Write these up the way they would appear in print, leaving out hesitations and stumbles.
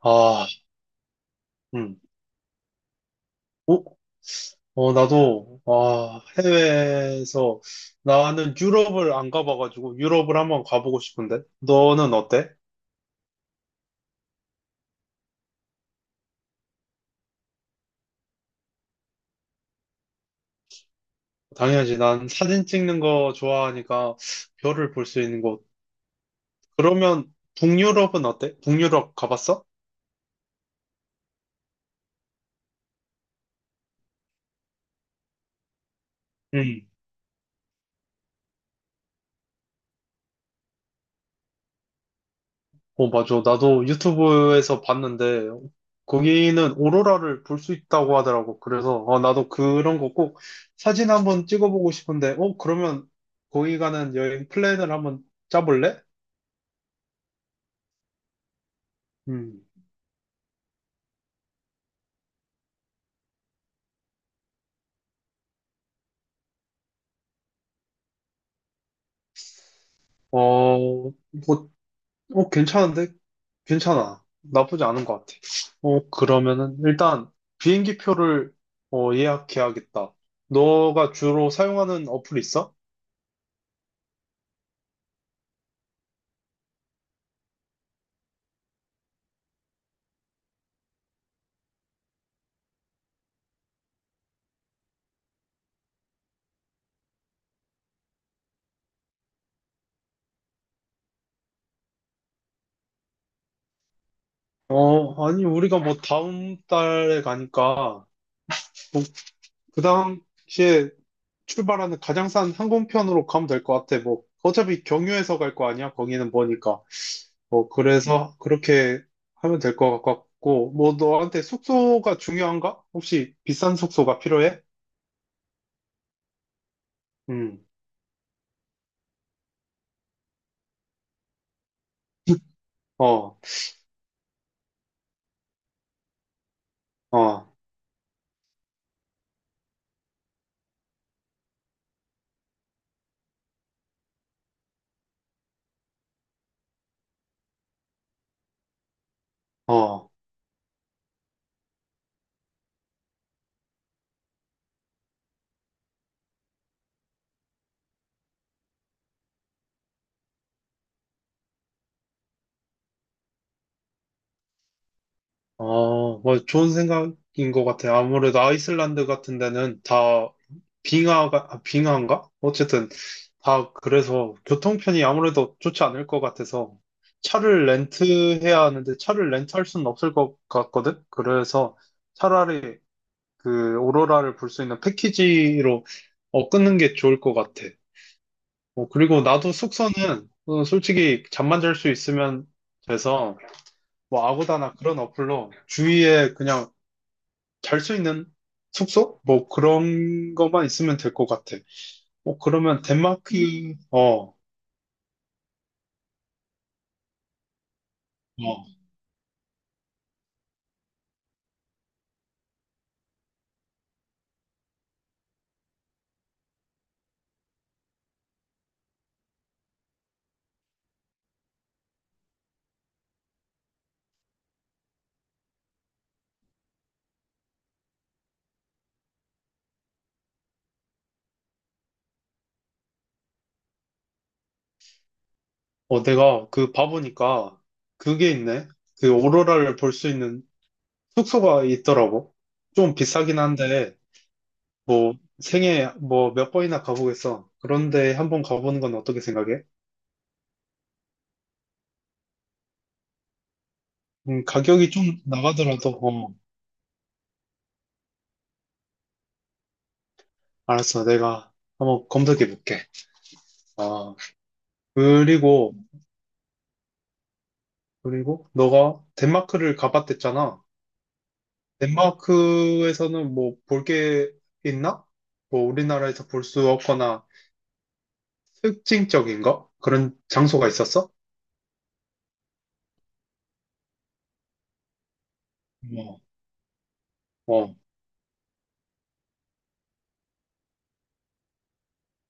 아, 음. 어? 어, 나도, 아, 해외에서, 나는 유럽을 안 가봐가지고, 유럽을 한번 가보고 싶은데? 너는 어때? 당연하지. 난 사진 찍는 거 좋아하니까, 별을 볼 수 있는 곳. 그러면, 북유럽은 어때? 북유럽 가봤어? 어, 맞아. 나도 유튜브에서 봤는데, 거기는 오로라를 볼 수 있다고 하더라고. 그래서, 어, 나도 그런 거 꼭 사진 한번 찍어보고 싶은데, 어, 그러면 거기 가는 여행 플랜을 한번 짜볼래? 음. 어, 뭐, 어, 괜찮은데? 괜찮아. 나쁘지 않은 것 같아. 어, 그러면은, 일단, 비행기 표를, 어, 예약해야겠다. 너가 주로 사용하는 어플 있어? 어, 아니, 우리가 뭐 다음 달에 가니까, 그 당시에 출발하는 가장 싼 항공편으로 가면 될 것 같아. 뭐, 어차피 경유해서 갈 거 아니야? 거기는 뭐니까. 뭐, 그래서 그렇게 하면 될 것 같고, 뭐, 너한테 숙소가 중요한가? 혹시 비싼 숙소가 필요해? 음, 어, 어, 어. 아, 뭐 좋은 생각인 것 같아요. 아무래도 아이슬란드 같은 데는 다 빙하가, 아, 빙하인가? 어쨌든 다 그래서 교통편이 아무래도 좋지 않을 것 같아서 차를 렌트해야 하는데 차를 렌트할 수는 없을 것 같거든? 그래서 차라리 그 오로라를 볼 수 있는 패키지로 어, 끊는 게 좋을 것 같아. 어, 그리고 나도 숙소는 어, 솔직히 잠만 잘 수 있으면 돼서 뭐 아고다나 그런 어플로 주위에 그냥 잘 수 있는 숙소? 뭐 그런 것만 있으면 될 것 같아. 어, 그러면 덴마크, 어, 어, 어, 내가 그 봐보니까 그게 있네. 그 오로라를 볼 수 있는 숙소가 있더라고. 좀 비싸긴 한데, 뭐 생애 뭐 몇 번이나 가보겠어. 그런데 한 번 가보는 건 어떻게 생각해? 가격이 좀 나가더라도, 어, 알았어. 내가 한번 검색해 볼게. 아, 그리고, 그리고, 너가 덴마크를 가봤댔잖아. 덴마크에서는 뭐 볼 게 있나? 뭐 우리나라에서 볼 수 없거나 특징적인 거? 그런 장소가 있었어? 뭐, 어,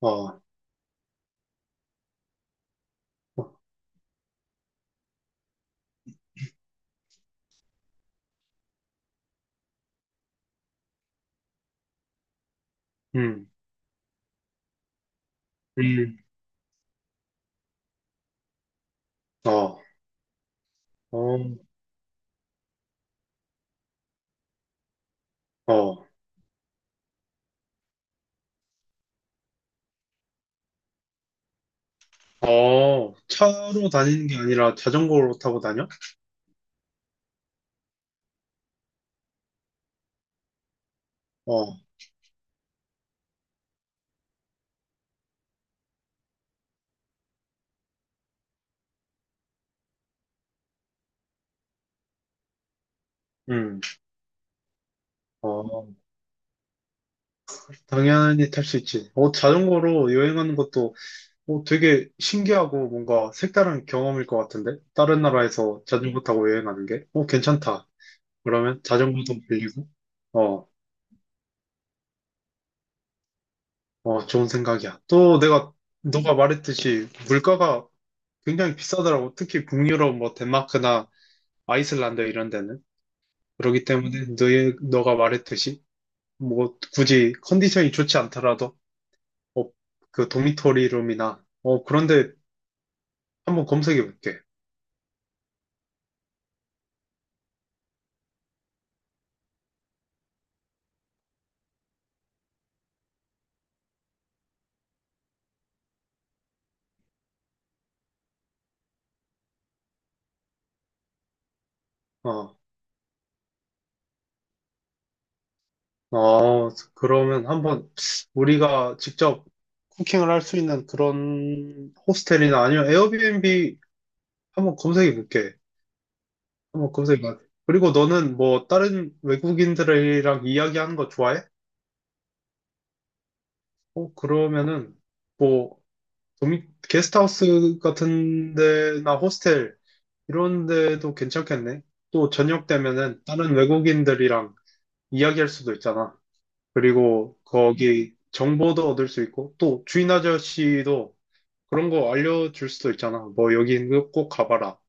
어, 어, 음, 음, 어, 어, 어, 어, 차로 다니는 게 아니라 자전거로 타고 다녀? 어, 음, 어, 당연히 탈 수 있지. 어, 자전거로 여행하는 것도 어, 되게 신기하고 뭔가 색다른 경험일 것 같은데? 다른 나라에서 자전거 타고 여행하는 게? 어, 괜찮다. 그러면 자전거도 빌리고, 어, 어, 좋은 생각이야. 또 내가, 너가 말했듯이 물가가 굉장히 비싸더라고. 특히 북유럽, 뭐, 덴마크나 아이슬란드 이런 데는. 그렇기 때문에 너가 말했듯이, 뭐, 굳이 컨디션이 좋지 않더라도, 어, 그 도미토리 룸이나, 어, 그런데 한번 검색해 볼게. 어, 어, 그러면 한번 우리가 직접 쿠킹을 할 수 있는 그런 호스텔이나 아니면 에어비앤비 한번 검색해 볼게. 어, 검색이가. 그리고 너는 뭐 다른 외국인들이랑 이야기하는 거 좋아해? 어, 그러면은 뭐 도미, 게스트하우스 같은 데나 호스텔 이런 데도 괜찮겠네. 또 저녁 되면은 다른 외국인들이랑 이야기할 수도 있잖아. 그리고 거기 정보도 얻을 수 있고 또 주인 아저씨도 그런 거 알려줄 수도 있잖아. 뭐 여기 꼭 가봐라.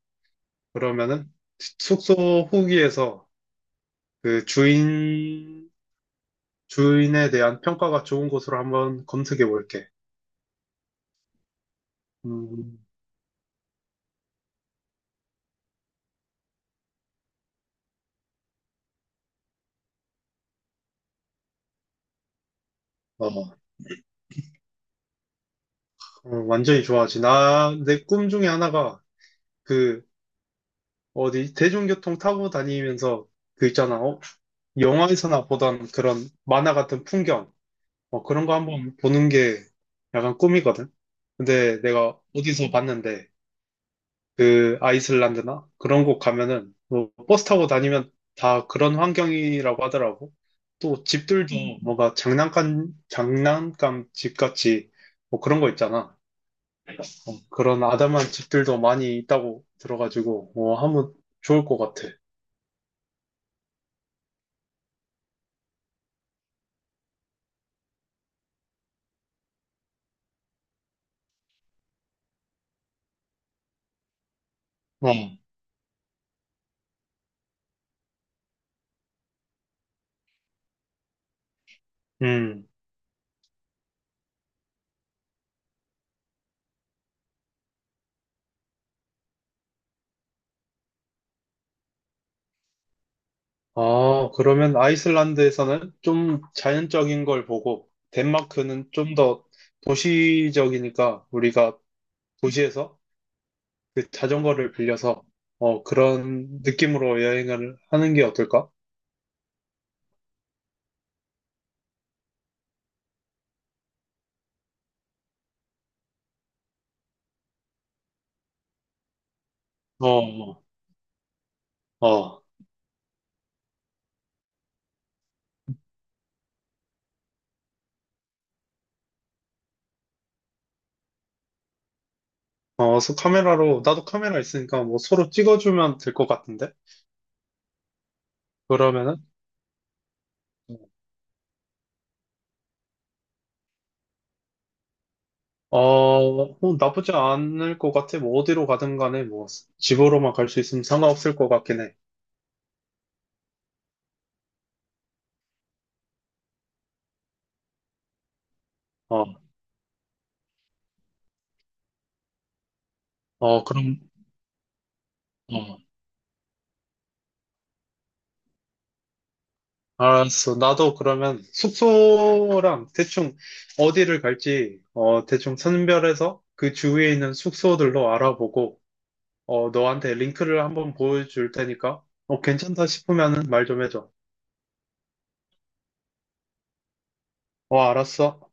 그러면은 숙소 후기에서 그 주인 주인에 대한 평가가 좋은 곳으로 한번 검색해 볼게. 음, 어, 어, 완전히 좋아하지. 내 꿈 중에 하나가 그, 어디, 대중교통 타고 다니면서 그 있잖아. 어? 영화에서나 보던 그런 만화 같은 풍경. 어, 그런 거 한번 보는 게 약간 꿈이거든. 근데 내가 어디서 봤는데, 그 아이슬란드나 그런 곳 가면은 뭐 버스 타고 다니면 다 그런 환경이라고 하더라고. 또 집들도 네. 뭔가 장난감 장난감 집같이 뭐 그런 거 있잖아. 그런 아담한 집들도 많이 있다고 들어가지고 뭐 하면 좋을 것 같아. 어. 네. 음. 아, 그러면 아이슬란드에서는 좀 자연적인 걸 보고 덴마크는 좀 더 도시적이니까 우리가 도시에서 그 자전거를 빌려서 어 그런 느낌으로 여행을 하는 게 어떨까? 어, 어, 어, 서 카메라로 나도 카메라 있으니까 뭐 서로 찍어주면 될 것 같은데? 그러면은 어, 어, 나쁘지 않을 것 같아. 뭐 어디로 가든 간에 뭐 집으로만 갈 수 있으면 상관없을 것 같긴 해. 어, 어, 그럼 어, 알았어. 나도 그러면 숙소랑 대충 어디를 갈지 어 대충 선별해서 그 주위에 있는 숙소들로 알아보고. 어, 너한테 링크를 한번 보여줄 테니까, 어, 괜찮다 싶으면은 말 좀 해줘. 어, 알았어.